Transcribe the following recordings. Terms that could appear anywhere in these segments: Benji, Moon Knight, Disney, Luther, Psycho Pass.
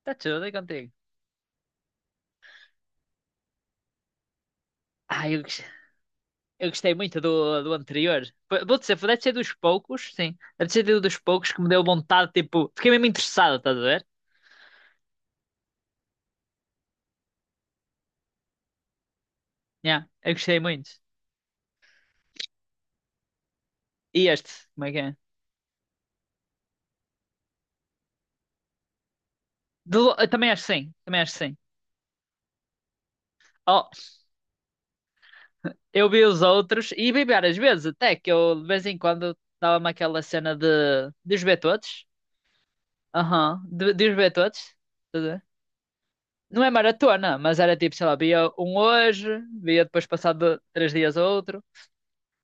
Está tudo aí contigo. Ah, eu, gos- eu gostei muito do anterior. Vou dizer, deve ser dos poucos, sim. Deve ser dos poucos que me deu vontade, tipo, fiquei mesmo interessado, estás a ver? Yeah, eu gostei muito. E este, como é que é? Eu também acho que sim, também acho que sim. Oh, eu vi os outros e vi várias vezes, até que eu de vez em quando dava-me aquela cena de os ver todos. Aham, de os ver todos. Estás a ver? Não é maratona, mas era tipo, sei lá, via um hoje, via depois passado três dias outro.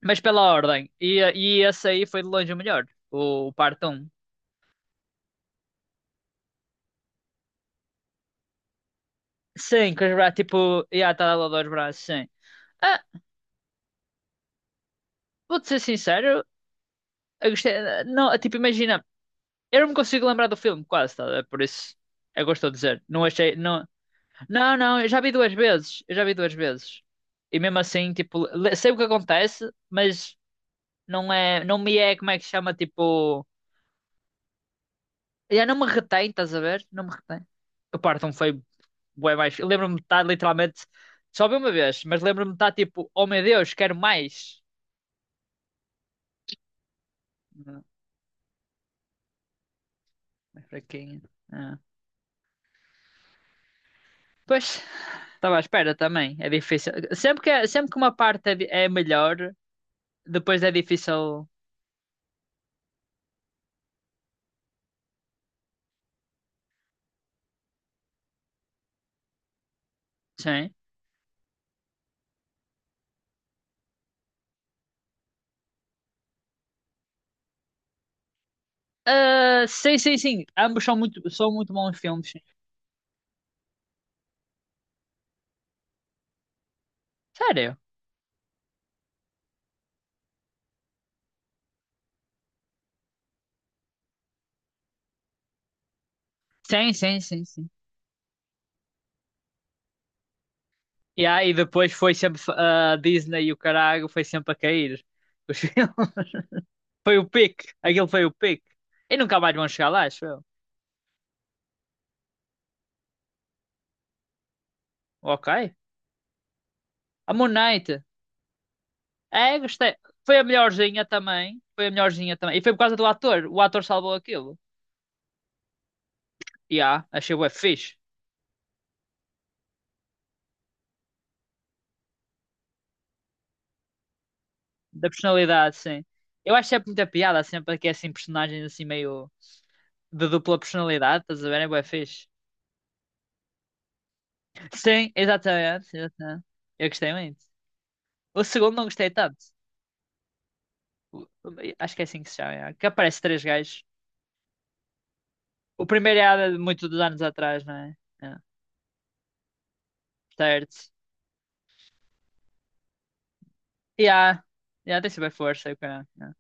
Mas pela ordem. E esse aí foi de longe o melhor. O parte 1. Sim, com os braços, tipo... Yeah, tá lá dois braços, sim. Ah, vou-te ser sincero. Eu gostei... Não, tipo, imagina. Eu não me consigo lembrar do filme, quase, tá? É por isso. Eu gosto de dizer. Não achei... Não. Eu já vi duas vezes. Eu já vi duas vezes. E mesmo assim, tipo... Sei o que acontece, mas... Não é... Não me é, como é que se chama, tipo... Já não me retém, estás a ver? Não me retém. Eu parto um feio bué mais. Feio. Lembro-me de estar literalmente. Só vi uma vez, mas lembro-me de estar tipo, oh meu Deus, quero mais. Não, é fraquinho. Ah. Pois, estava à espera também. É difícil. Sempre que uma parte é melhor, depois é difícil. Sim. Ah, sim, sim, sim. Ambos são muito bons filmes. Sim. Sério? Sim, sim, sim, sim. Yeah, e aí depois foi sempre a Disney e o caralho foi sempre a cair. Os filmes. Foi o pique. Aquilo foi o pique. E nunca mais vão chegar lá, acho eu. Ok. A Moon Knight. É, gostei. Foi a melhorzinha também. Foi a melhorzinha também. E foi por causa do ator. O ator salvou aquilo. E yeah, achei bué fixe. Da personalidade, sim. Eu acho sempre muita piada, sempre que é assim personagens assim meio de dupla personalidade, estás a ver? É bué fixe. Sim, exatamente, exatamente. Eu gostei muito. O segundo não gostei tanto. O- o- Acho que é assim que se chama, yeah. Que aparece três gajos. O primeiro é muito dos anos atrás, não é? Certo. E yeah, tem super força. E caralho, yeah.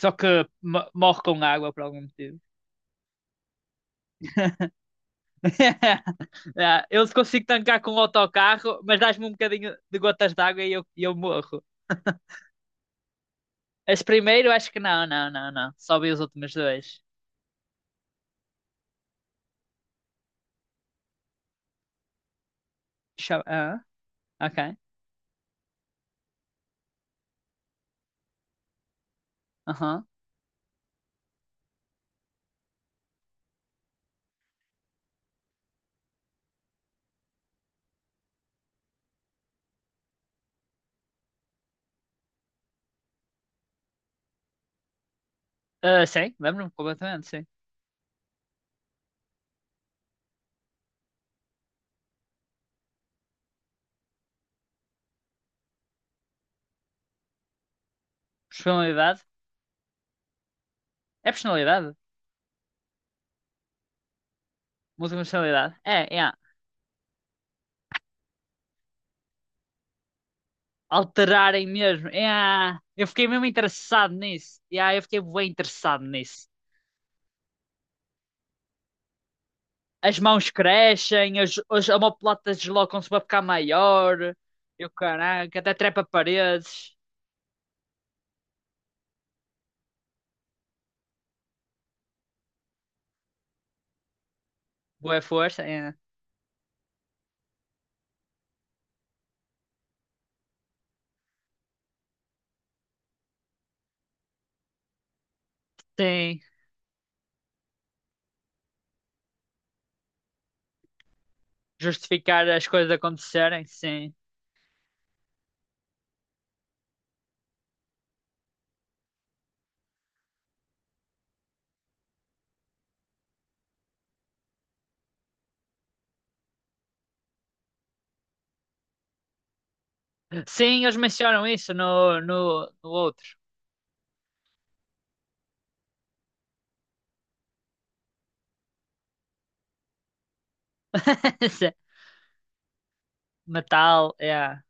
Só que morre com água por algum motivo. Yeah. Eu consigo tancar com o autocarro, mas dás-me um bocadinho de gotas de água e eu morro. Esse primeiro, acho que não, não. Só vi os últimos dois. Ah, ok. Aham. Ah, sim, lembro-me completamente, sim. Personalidade. É personalidade? Múltipla personalidade. É, é alterarem mesmo. Yeah. Eu fiquei mesmo interessado nisso. Yeah, eu fiquei bem interessado nisso. As mãos crescem, as omoplatas deslocam-se para ficar maior. Eu, caraca, até trepa paredes. Boa força, é. Sim. Justificar as coisas acontecerem, sim. Sim, eles mencionam isso no outro. Sim. Metal, é.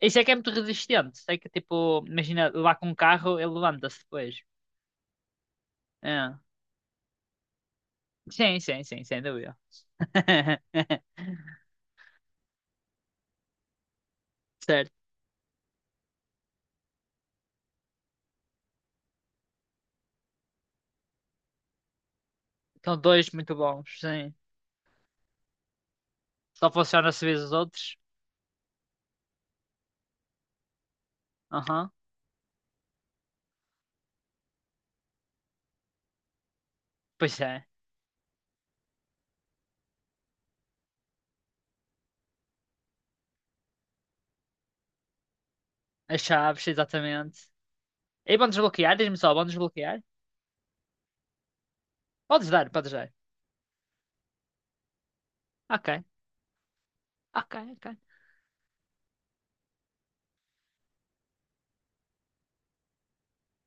Isso é que é muito resistente. Sei que, tipo, imagina, lá com um carro, ele levanta-se depois. É. Sim, sim, sim, sem dúvida. Certo. São dois muito bons, sim. Só funciona se vês os outros. Aham. Pois é. As chaves, exatamente. E vão desbloquear? Diz-me só, vão desbloquear? Podes dar, podes dar. Ok, ok.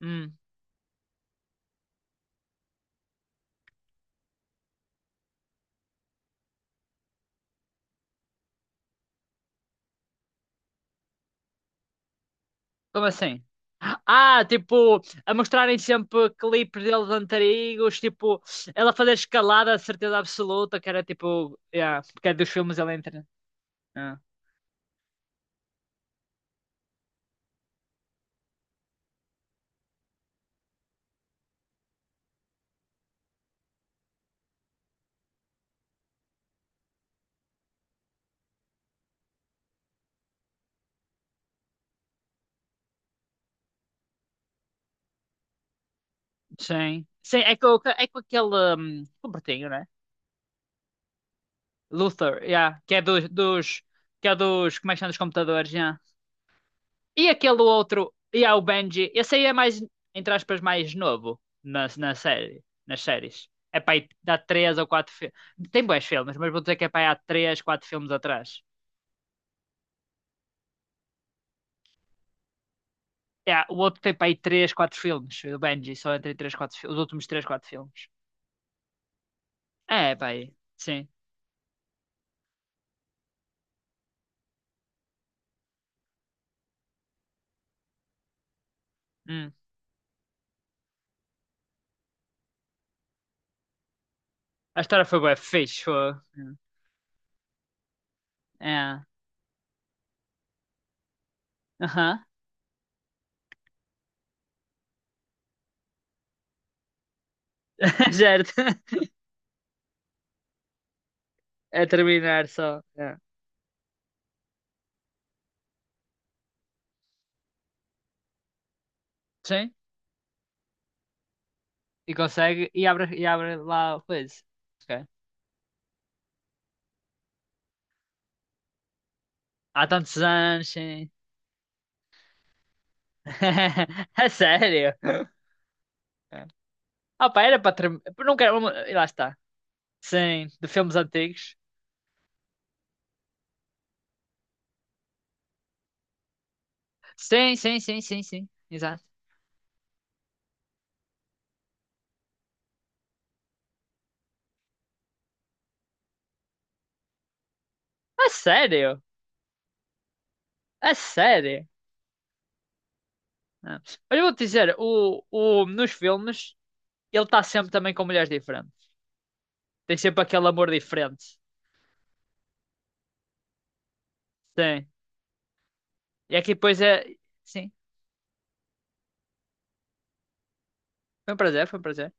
Hum, como assim? Ah, tipo, a mostrarem sempre clipes deles antigos, tipo, ela fazer escalada de certeza absoluta, que era tipo, yeah, porque é dos filmes ela entra. Ah, sim, sim, é com aquele um, com o Bertinho, né? Luther, yeah, que é dos, que é dos, como é que chama, dos computadores, yeah. E aquele outro, e há o Benji. Esse aí é mais, entre aspas, mais novo na série, nas séries. É para aí dá 3 ou 4 filmes. Tem bons filmes, mas vou dizer que é para aí há três quatro filmes atrás. É, o outro tem para aí 3, 4 filmes. O Benji só entre três 4 os últimos 3 4 filmes. É, é para aí. Sim. Hum. A história foi bem fixe. Foi. Hum. É. Aham. Certo. É terminar só. É. Sim. E consegue. E abre lá o coisa. Ok. Há tantos anos, sim. É sério? É. Ah, pá, era para não quero. E lá está. Sim, de filmes antigos. Sim, sim, sim, sim, sim. Exato. É sério? É sério? Ah. Mas eu vou-te dizer, nos filmes, ele está sempre também com mulheres diferentes. Tem sempre aquele amor diferente. Sim. E aqui depois é. Sim. Foi um prazer, foi um prazer.